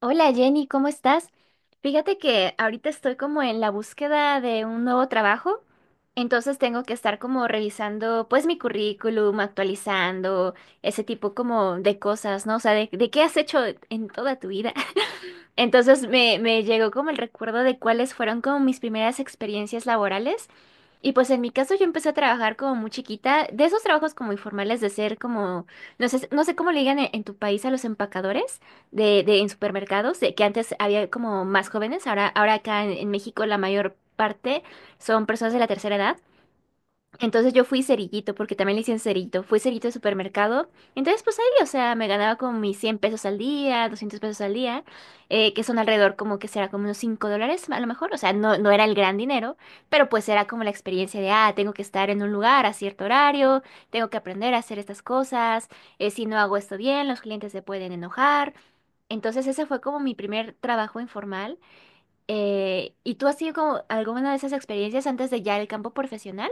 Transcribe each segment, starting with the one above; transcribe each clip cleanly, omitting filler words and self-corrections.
Hola Jenny, ¿cómo estás? Fíjate que ahorita estoy como en la búsqueda de un nuevo trabajo, entonces tengo que estar como revisando pues mi currículum, actualizando ese tipo como de cosas, ¿no? O sea, de qué has hecho en toda tu vida. Entonces me llegó como el recuerdo de cuáles fueron como mis primeras experiencias laborales. Y pues en mi caso yo empecé a trabajar como muy chiquita, de esos trabajos como informales de ser como, no sé, no sé cómo le digan en tu país a los empacadores de en supermercados, de que antes había como más jóvenes, ahora, ahora acá en México la mayor parte son personas de la tercera edad. Entonces yo fui cerillito, porque también le dicen cerito. Fui cerillito de supermercado. Entonces, pues ahí, o sea, me ganaba como mis 100 pesos al día, 200 pesos al día, que son alrededor como que será como unos 5 dólares a lo mejor. O sea, no, no era el gran dinero, pero pues era como la experiencia de, ah, tengo que estar en un lugar a cierto horario, tengo que aprender a hacer estas cosas, si no hago esto bien, los clientes se pueden enojar. Entonces ese fue como mi primer trabajo informal. ¿Y tú has tenido como alguna de esas experiencias antes de ya el campo profesional?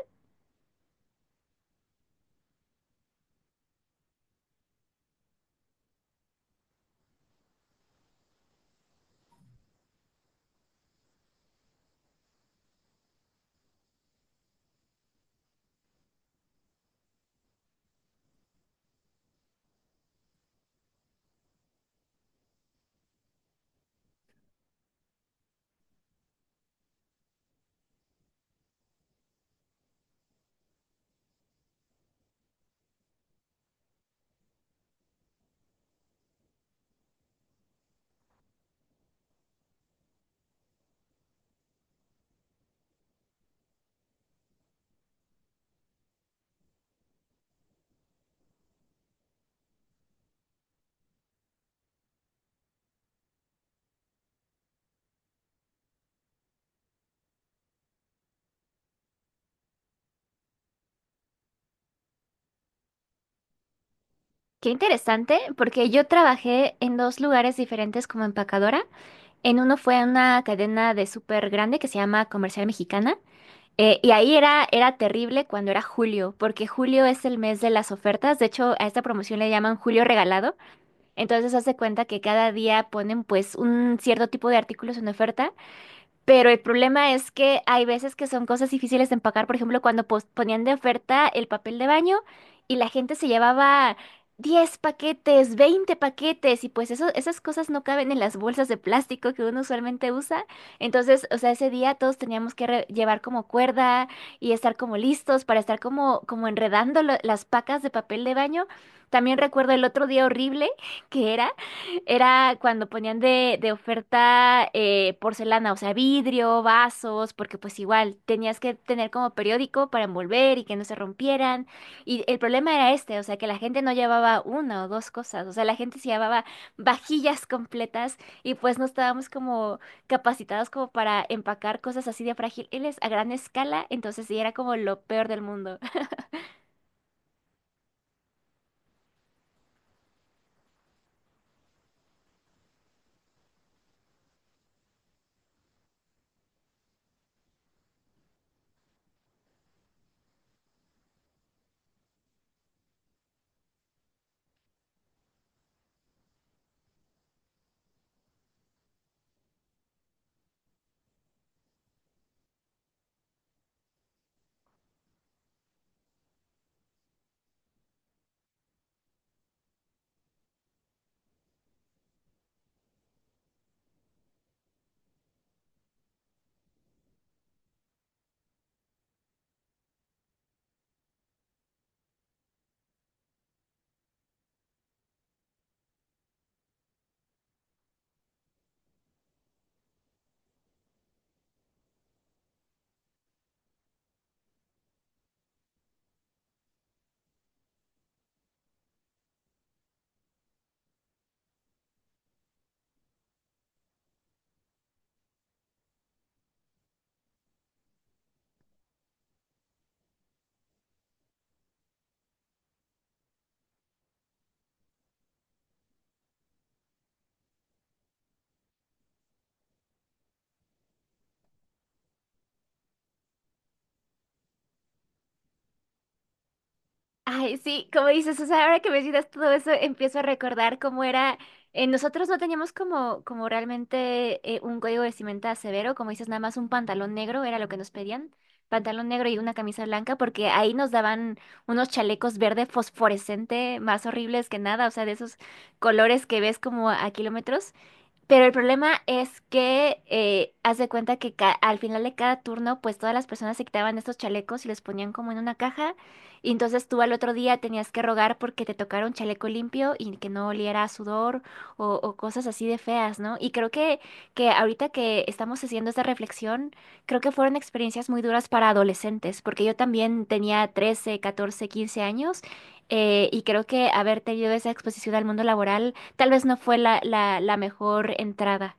Qué interesante, porque yo trabajé en dos lugares diferentes como empacadora. En uno fue en una cadena de súper grande que se llama Comercial Mexicana. Y ahí era, era terrible cuando era julio, porque julio es el mes de las ofertas. De hecho, a esta promoción le llaman julio regalado. Entonces, hace cuenta que cada día ponen pues un cierto tipo de artículos en oferta, pero el problema es que hay veces que son cosas difíciles de empacar. Por ejemplo, cuando ponían de oferta el papel de baño y la gente se llevaba 10 paquetes, 20 paquetes, y pues eso, esas cosas no caben en las bolsas de plástico que uno usualmente usa. Entonces, o sea, ese día todos teníamos que llevar como cuerda y estar como listos para estar como, como enredando las pacas de papel de baño. También recuerdo el otro día horrible que era. Era cuando ponían de oferta porcelana, o sea, vidrio, vasos, porque pues igual tenías que tener como periódico para envolver y que no se rompieran. Y el problema era este, o sea, que la gente no llevaba una o dos cosas, o sea, la gente se llevaba vajillas completas y pues no estábamos como capacitados como para empacar cosas así de frágiles a gran escala, entonces sí era como lo peor del mundo. Ay, sí, como dices, o sea, ahora que me dices todo eso, empiezo a recordar cómo era. Nosotros no teníamos como, como realmente un código vestimenta severo, como dices, nada más un pantalón negro era lo que nos pedían, pantalón negro y una camisa blanca, porque ahí nos daban unos chalecos verde fosforescente más horribles que nada, o sea, de esos colores que ves como a kilómetros. Pero el problema es que haz de cuenta que al final de cada turno, pues todas las personas se quitaban estos chalecos y los ponían como en una caja. Y entonces tú al otro día tenías que rogar porque te tocara un chaleco limpio y que no oliera a sudor o cosas así de feas, ¿no? Y que ahorita que estamos haciendo esta reflexión, creo que fueron experiencias muy duras para adolescentes, porque yo también tenía 13, 14, 15 años, y creo que haber tenido esa exposición al mundo laboral tal vez no fue la mejor entrada.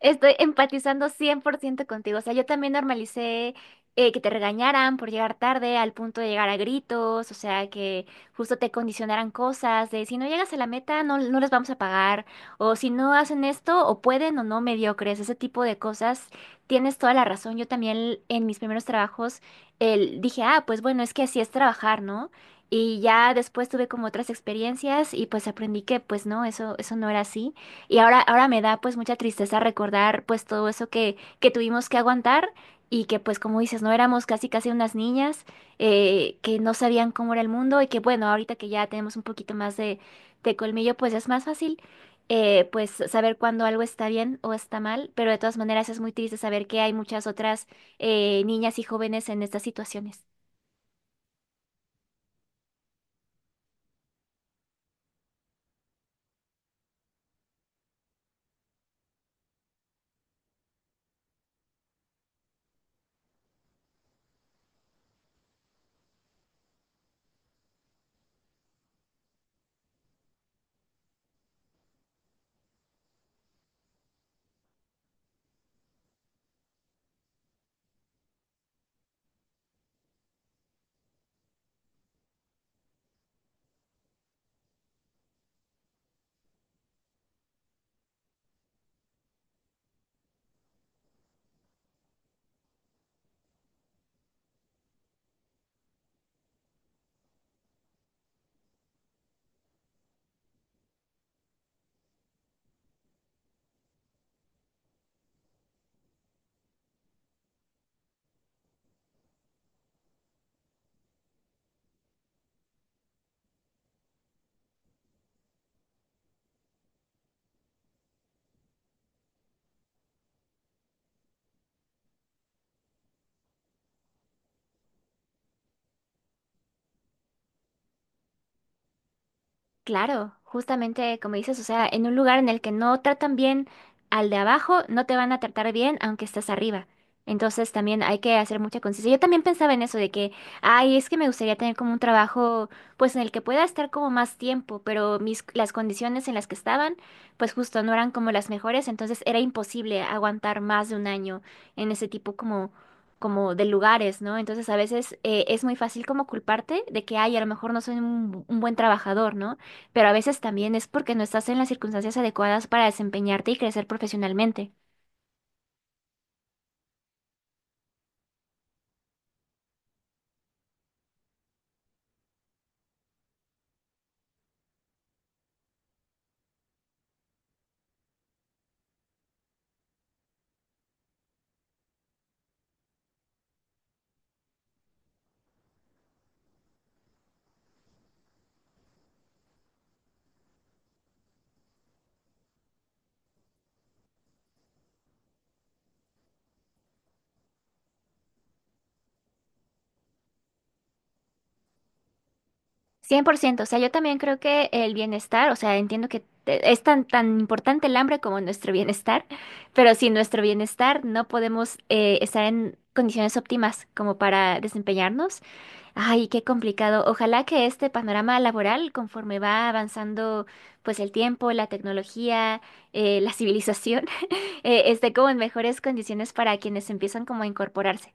Estoy empatizando 100% contigo. O sea, yo también normalicé que te regañaran por llegar tarde al punto de llegar a gritos, o sea, que justo te condicionaran cosas de si no llegas a la meta no, no les vamos a pagar, o si no hacen esto o pueden o no mediocres, ese tipo de cosas. Tienes toda la razón. Yo también en mis primeros trabajos dije, ah, pues bueno, es que así es trabajar, ¿no? Y ya después tuve como otras experiencias y pues aprendí que pues no, eso no era así. Y ahora, ahora me da pues mucha tristeza recordar pues todo eso que tuvimos que aguantar y que pues como dices, no éramos casi casi unas niñas, que no sabían cómo era el mundo y que bueno, ahorita que ya tenemos un poquito más de colmillo, pues es más fácil, pues saber cuándo algo está bien o está mal, pero de todas maneras es muy triste saber que hay muchas otras niñas y jóvenes en estas situaciones. Claro, justamente como dices, o sea, en un lugar en el que no tratan bien al de abajo, no te van a tratar bien aunque estás arriba. Entonces también hay que hacer mucha conciencia. Yo también pensaba en eso de que, ay, es que me gustaría tener como un trabajo, pues en el que pueda estar como más tiempo, pero mis, las condiciones en las que estaban, pues justo no eran como las mejores, entonces era imposible aguantar más de un año en ese tipo como como de lugares, ¿no? Entonces a veces es muy fácil como culparte de que, ay, a lo mejor no soy un buen trabajador, ¿no? Pero a veces también es porque no estás en las circunstancias adecuadas para desempeñarte y crecer profesionalmente. 100%. O sea, yo también creo que el bienestar, o sea, entiendo que es tan, tan importante el hambre como nuestro bienestar, pero sin nuestro bienestar no podemos estar en condiciones óptimas como para desempeñarnos. Ay, qué complicado. Ojalá que este panorama laboral, conforme va avanzando, pues el tiempo, la tecnología, la civilización, esté como en mejores condiciones para quienes empiezan como a incorporarse.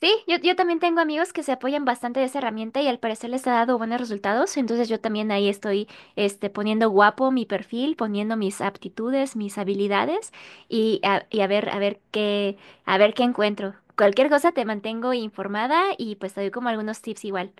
Sí, yo también tengo amigos que se apoyan bastante de esa herramienta y al parecer les ha dado buenos resultados, entonces yo también ahí estoy este, poniendo guapo mi perfil, poniendo mis aptitudes, mis habilidades y a ver qué encuentro. Cualquier cosa te mantengo informada y pues te doy como algunos tips igual.